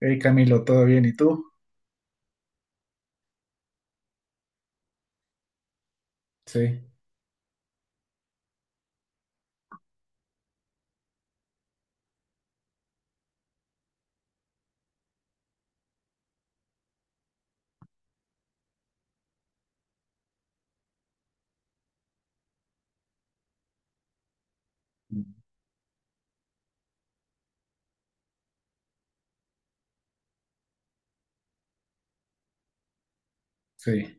Hey Camilo, ¿todo bien? ¿Y tú? Sí. Sí.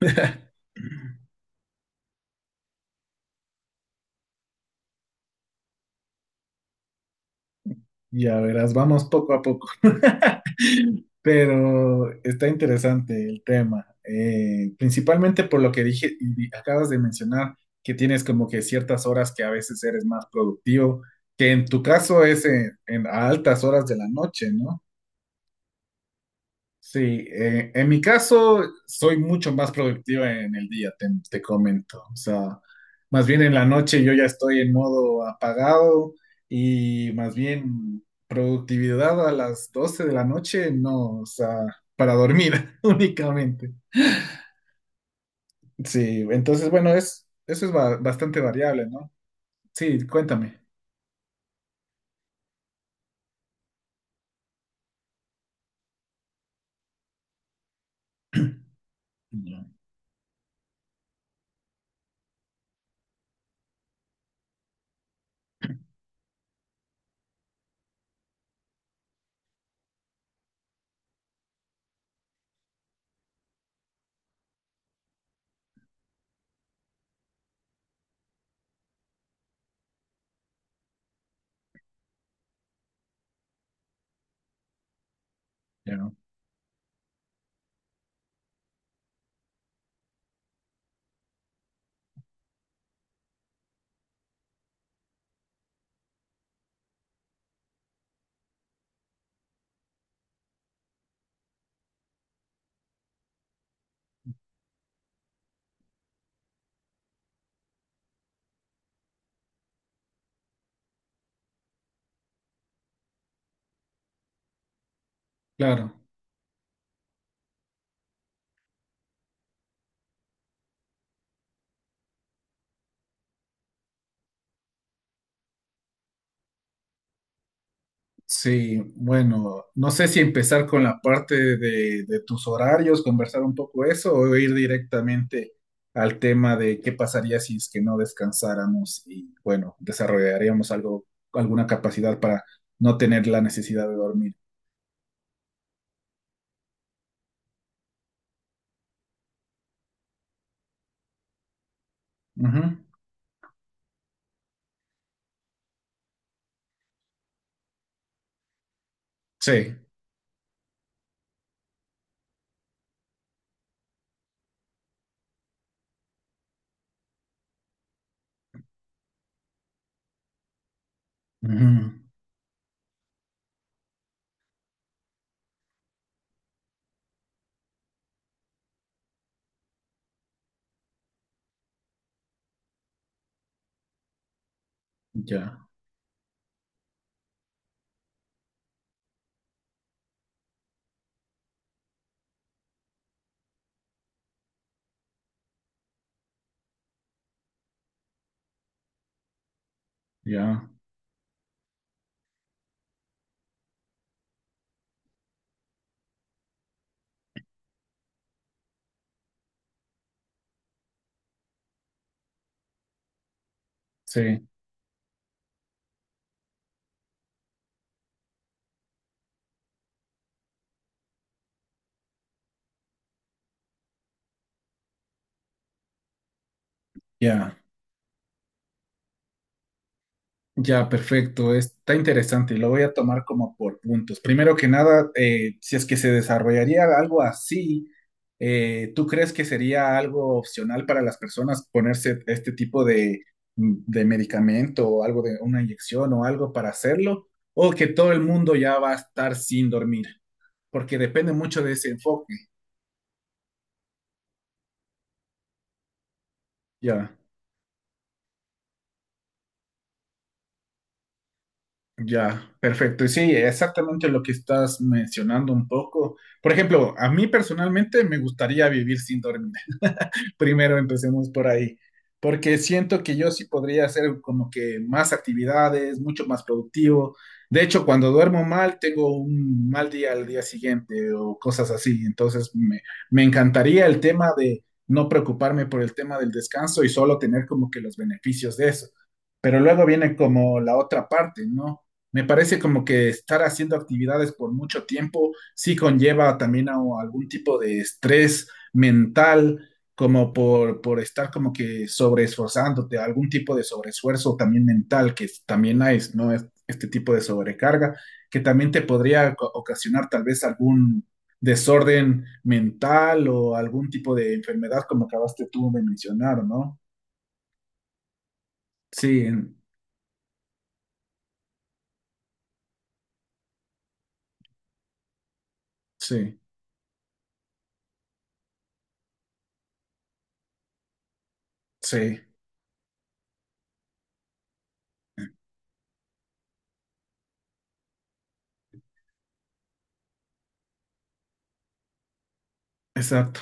Ya verás, vamos poco a poco. Pero está interesante el tema, principalmente por lo que dije acabas de mencionar, que tienes como que ciertas horas que a veces eres más productivo, que en tu caso es a altas horas de la noche, ¿no? Sí, en mi caso soy mucho más productivo en el día, te comento. O sea, más bien en la noche yo ya estoy en modo apagado y más bien productividad a las 12 de la noche, no, o sea, para dormir únicamente. Sí, entonces bueno, eso es bastante variable, ¿no? Sí, cuéntame. Ya, ya, claro. Sí, bueno, no sé si empezar con la parte de tus horarios, conversar un poco eso, o ir directamente al tema de qué pasaría si es que no descansáramos y, bueno, desarrollaríamos algo, alguna capacidad para no tener la necesidad de dormir. Ujú. Sí. Ujú. Ya, ya, sí, ya. Ya, perfecto. Está interesante. Y lo voy a tomar como por puntos. Primero que nada, si es que se desarrollaría algo así, ¿tú crees que sería algo opcional para las personas ponerse este tipo de medicamento o algo de una inyección o algo para hacerlo? ¿O que todo el mundo ya va a estar sin dormir? Porque depende mucho de ese enfoque. Ya. Ya, perfecto. Y sí, exactamente lo que estás mencionando un poco. Por ejemplo, a mí personalmente me gustaría vivir sin dormir. Primero empecemos por ahí, porque siento que yo sí podría hacer como que más actividades, mucho más productivo. De hecho, cuando duermo mal, tengo un mal día al día siguiente o cosas así. Entonces, me encantaría el tema de no preocuparme por el tema del descanso y solo tener como que los beneficios de eso. Pero luego viene como la otra parte, ¿no? Me parece como que estar haciendo actividades por mucho tiempo sí conlleva también a algún tipo de estrés mental como por estar como que sobreesforzándote, algún tipo de sobreesfuerzo también mental, también hay, ¿no? Este tipo de sobrecarga, que también te podría ocasionar tal vez algún desorden mental o algún tipo de enfermedad, como acabaste tú de mencionar, ¿no? Sí, sí, sí, exacto,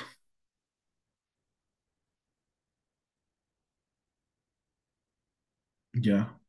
ya.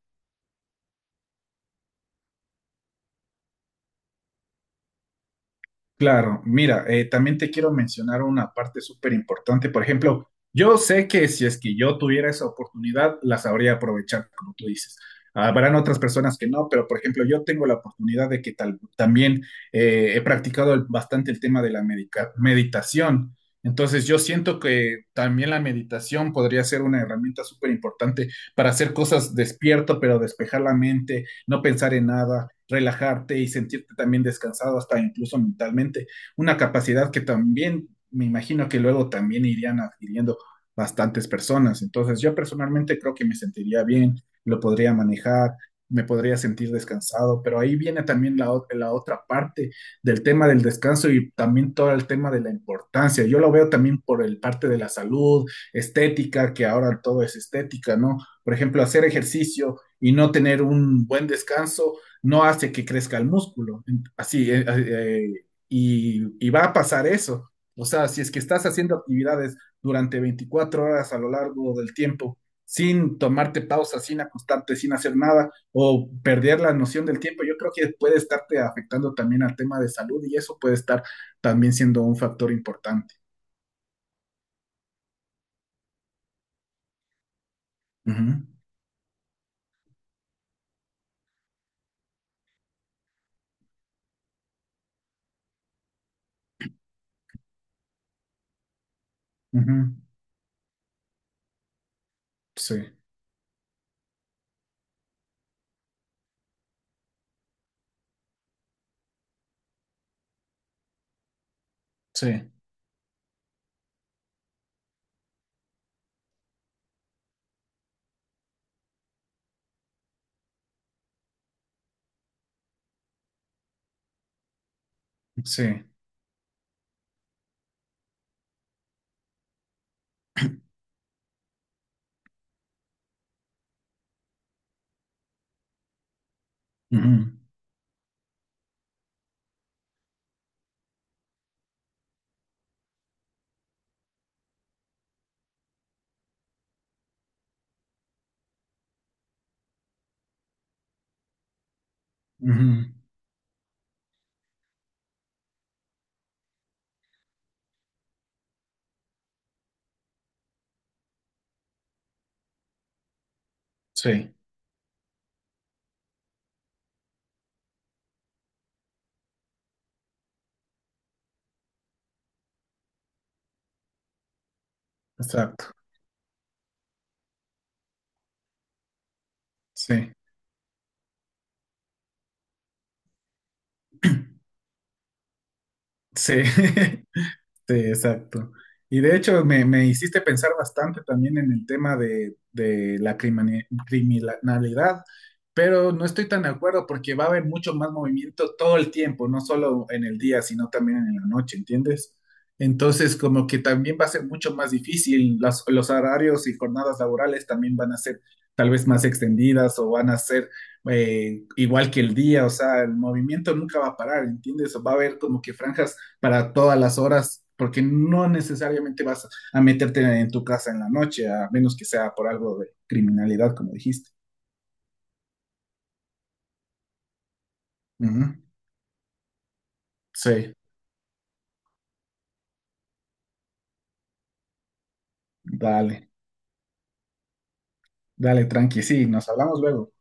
Claro, mira, también te quiero mencionar una parte súper importante. Por ejemplo, yo sé que si es que yo tuviera esa oportunidad, la sabría aprovechar, como tú dices. Habrán otras personas que no, pero por ejemplo, yo tengo la oportunidad de que tal, también he practicado bastante el tema de la meditación. Entonces, yo siento que también la meditación podría ser una herramienta súper importante para hacer cosas despierto, pero despejar la mente no pensar en nada, relajarte y sentirte también descansado hasta incluso mentalmente. Una capacidad que también me imagino que luego también irían adquiriendo bastantes personas. Entonces yo personalmente creo que me sentiría bien, lo podría manejar, me podría sentir descansado, pero ahí viene también la otra parte del tema del descanso y también todo el tema de la importancia. Yo lo veo también por el parte de la salud, estética, que ahora todo es estética, ¿no? Por ejemplo, hacer ejercicio y no tener un buen descanso no hace que crezca el músculo. Así, y va a pasar eso. O sea, si es que estás haciendo actividades durante 24 horas a lo largo del tiempo, sin tomarte pausa, sin acostarte, sin hacer nada, o perder la noción del tiempo, yo creo que puede estarte afectando también al tema de salud y eso puede estar también siendo un factor importante. Ujú. Ujú. Sí, sí, sí. Ujú. Ujú. Sí, exacto. Sí, sí. Sí, exacto. Y de hecho me hiciste pensar bastante también en el tema de la criminalidad, pero no estoy tan de acuerdo porque va a haber mucho más movimiento todo el tiempo, no solo en el día, sino también en la noche, ¿entiendes? Entonces, como que también va a ser mucho más difícil, los horarios y jornadas laborales también van a ser tal vez más extendidas o van a ser igual que el día, o sea, el movimiento nunca va a parar, ¿entiendes? Va a haber como que franjas para todas las horas, porque no necesariamente vas a meterte en tu casa en la noche, a menos que sea por algo de criminalidad, como dijiste. Ujú. Sí, dale, dale, tranqui, sí, nos hablamos luego.